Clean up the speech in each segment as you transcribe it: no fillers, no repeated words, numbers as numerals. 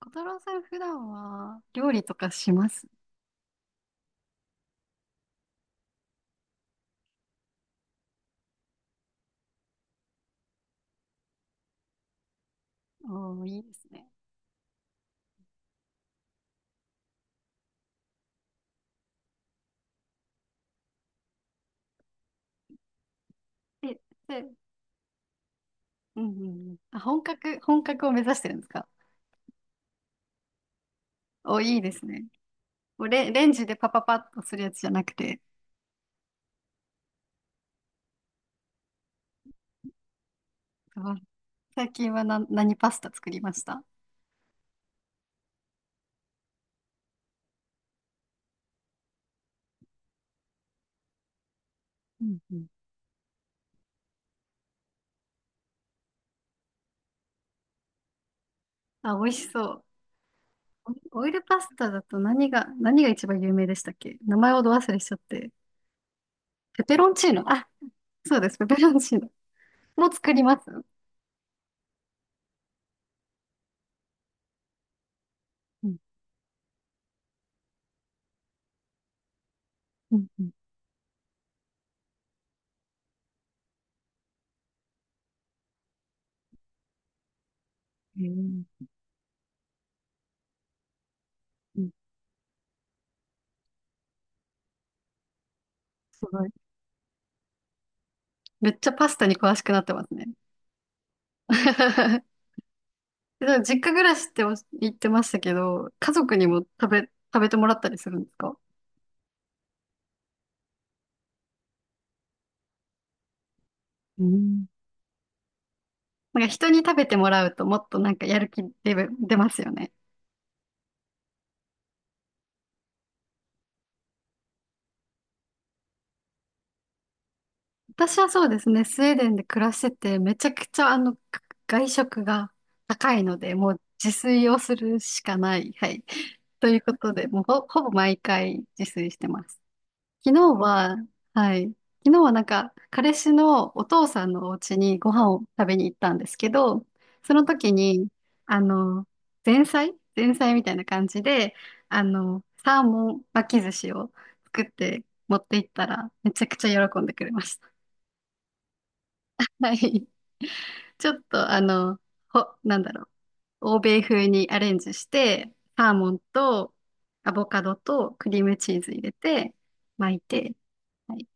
小太郎さん、普段は料理とかします？おー、いいですね。え、で、うんうんうん。あ、本格を目指してるんですか？おー、いいですね。もうレンジでパパパッとするやつじゃなくて、あ、最近は何パスタ作りました？うんうん。あ、美味しそう。オオイルパスタだと何が一番有名でしたっけ。名前をど忘れしちゃって。ペペロンチーノ。あ、そうです。ペペロンチーノ。もう作ります？うんうんうん。へー。うん。すごい。めっちゃパスタに詳しくなってますね。でも実家暮らしって言ってましたけど、家族にも食べてもらったりするんですか？うん。なんか人に食べてもらうともっとなんかやる気出ますよね。私はそうですね、スウェーデンで暮らしてて、めちゃくちゃ外食が高いので、もう自炊をするしかない。はい。ということで、もうほぼ毎回自炊してます。昨日は、はい。昨日はなんか、彼氏のお父さんのお家にご飯を食べに行ったんですけど、その時に、あの、前菜みたいな感じで、サーモン巻き寿司を作って持って行ったら、めちゃくちゃ喜んでくれました。はい。ちょっと、なんだろう。欧米風にアレンジして、サーモンとアボカドとクリームチーズ入れて、巻いて、はい。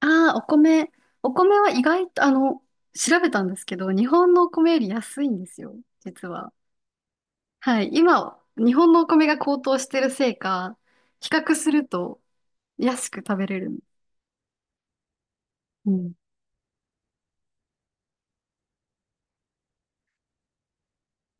ああ、お米。お米は意外と、調べたんですけど、日本のお米より安いんですよ、実は。はい。今、日本のお米が高騰してるせいか、比較すると安く食べれる。うん。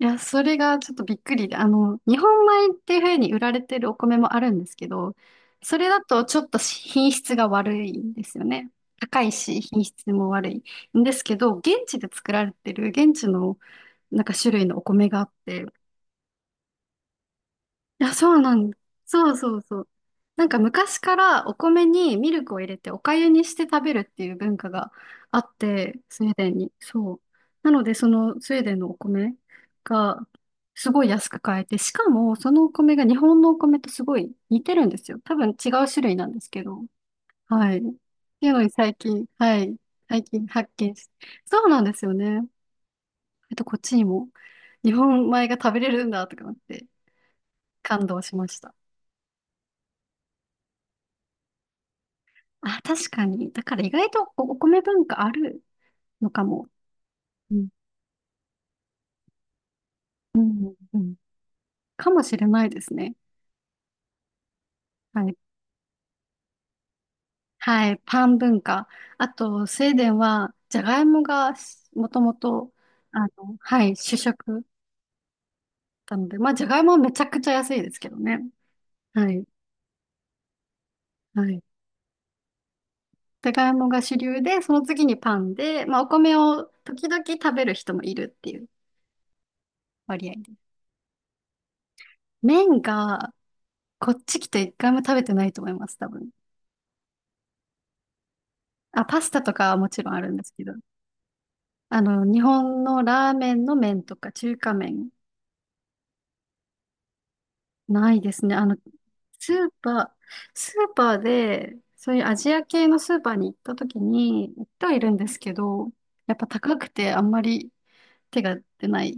いや、それがちょっとびっくりで、日本米っていうふうに売られてるお米もあるんですけど、それだとちょっと品質が悪いんですよね。高いし、品質も悪いんですけど、現地で作られてる現地のなんか種類のお米があって、いや、そうなんだ。そうそうそう。なんか昔からお米にミルクを入れてお粥にして食べるっていう文化があって、スウェーデンに。そう。なので、そのスウェーデンのお米がすごい安く買えて、しかもそのお米が日本のお米とすごい似てるんですよ。多分違う種類なんですけど。はい。っていうのに最近、はい。最近発見し、そうなんですよね。こっちにも日本米が食べれるんだとか思って感動しました。あ、確かに。だから意外とお米文化あるのかも。うん、うん、うん。かもしれないですね。はい。はい。パン文化。あと、スウェーデンは、じゃがいもがもともと、はい、主食なので、まあ、じゃがいもはめちゃくちゃ安いですけどね。はい。はい。じゃがいもが主流で、その次にパンで、まあ、お米を時々食べる人もいるっていう割合で。麺が、こっち来て一回も食べてないと思います、多分。あ、パスタとかはもちろんあるんですけど、日本のラーメンの麺とか中華麺、ないですね。スーパー、スーパーで、そういうアジア系のスーパーに行った時に、行ってはいるんですけど、やっぱ高くてあんまり手が出ない。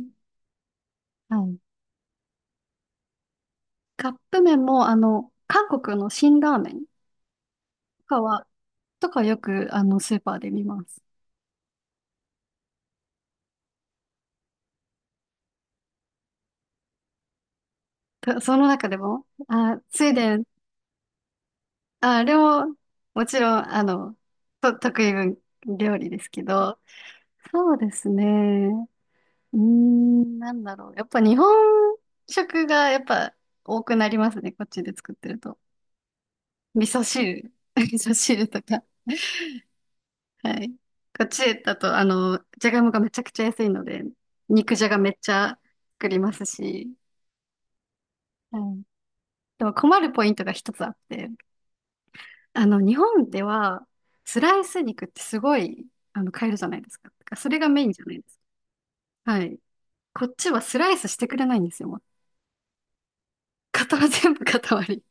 はい。カップ麺も、韓国の辛ラーメンとかは、とかよく、スーパーで見ます。その中でも、あ、スウェーデンあ、料、もちろん、得意料理ですけど、そうですね。うーん、なんだろう。やっぱ日本食がやっぱ多くなりますね。こっちで作ってると。味噌汁、味噌汁とか。はい。こっちだと、じゃがいもがめちゃくちゃ安いので、肉じゃがめっちゃ作りますし。はい。でも困るポイントが一つあって、日本では、スライス肉ってすごい、買えるじゃないですか。だからそれがメインじゃないですか。はい。こっちはスライスしてくれないんですよ、もう。塊、全部塊。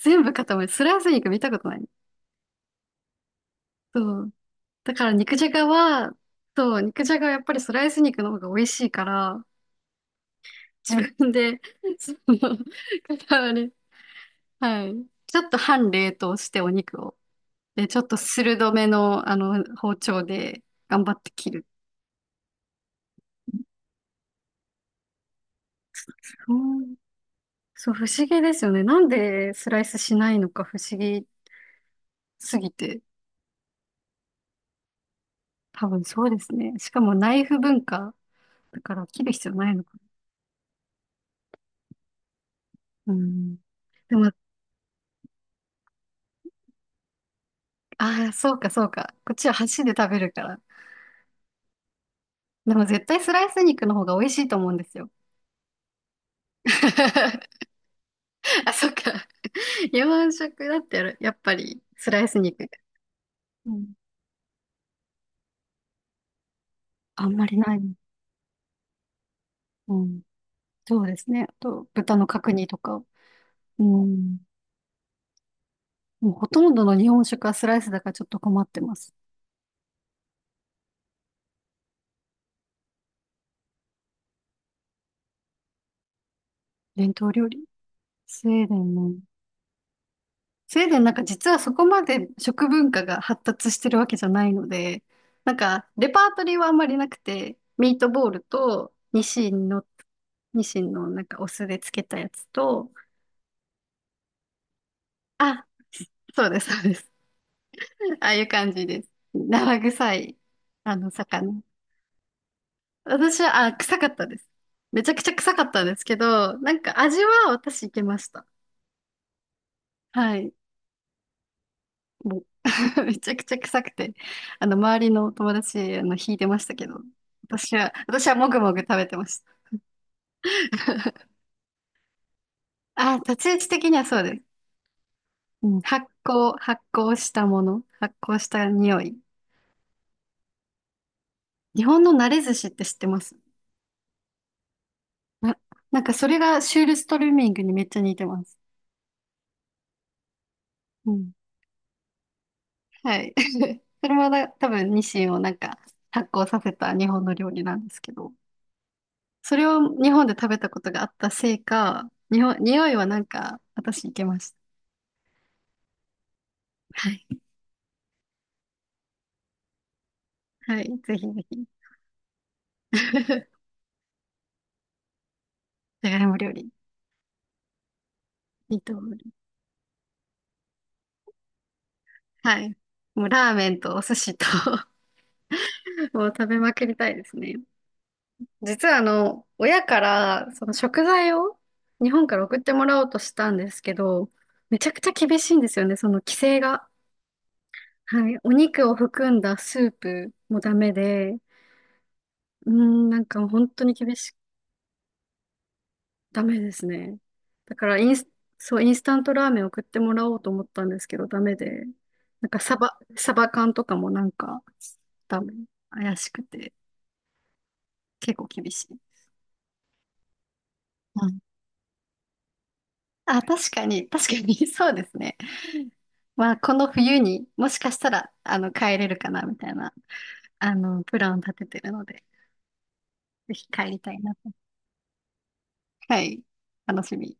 全部塊。スライス肉見たことない。そう。だから肉じゃがは、そう、肉じゃがはやっぱりスライス肉の方が美味しいから、自分で、その、塊。はい。ちょっと半冷凍してお肉を。で、ちょっと鋭めの、包丁で頑張って切る。そう、不思議ですよね。なんでスライスしないのか不思議すぎて。多分そうですね。しかもナイフ文化だから切る必要ないのかな。うん。でも、ああ、そうかそうか。こっちは箸で食べるから。でも絶対スライス肉の方が美味しいと思うんですよ。あ、そっか。日本食だったら、やっぱりスライス肉。うん。あんまりない。うん。そうですね。あと、豚の角煮とか。うん。もうほとんどの日本食はスライスだからちょっと困ってます。伝統料理。スウェーデンね。スウェーデンなんか実はそこまで食文化が発達してるわけじゃないので、なんかレパートリーはあんまりなくて、ミートボールとニシンの、なんかお酢でつけたやつと、あ、そうです、そうです。ああいう感じです。生臭い、魚。私は、あ、臭かったです。めちゃくちゃ臭かったんですけど、なんか味は私いけました。はい。もう めちゃくちゃ臭くて、周りの友達、引いてましたけど、私はもぐもぐ食べてました。あ、立ち位置的にはそうです。うん、発酵したもの、発酵した匂い。日本の慣れ寿司って知ってます？な、なんかそれがシュールストルーミングにめっちゃ似てます。うん。はい。それもな多分、ニシンをなんか発酵させた日本の料理なんですけど、それを日本で食べたことがあったせいか、日本、匂いはなんか私いけました。はい。はい。ぜひぜひ。じゃがいも料理。いいと思う。はい。もうラーメンとお寿司と もう食べまくりたいですね。実は親からその食材を日本から送ってもらおうとしたんですけど、めちゃくちゃ厳しいんですよね、その規制が。はい。お肉を含んだスープもダメで、うーん、なんか本当にダメですね。だからインス、そう、インスタントラーメン送ってもらおうと思ったんですけど、ダメで。なんかサバ缶とかもなんか、ダメ。怪しくて、結構厳しい。うん。あ、確かに、確かに、そうですね。まあ、この冬にもしかしたら、帰れるかな、みたいな、プランを立ててるので、ぜひ帰りたいなと。はい。楽しみ。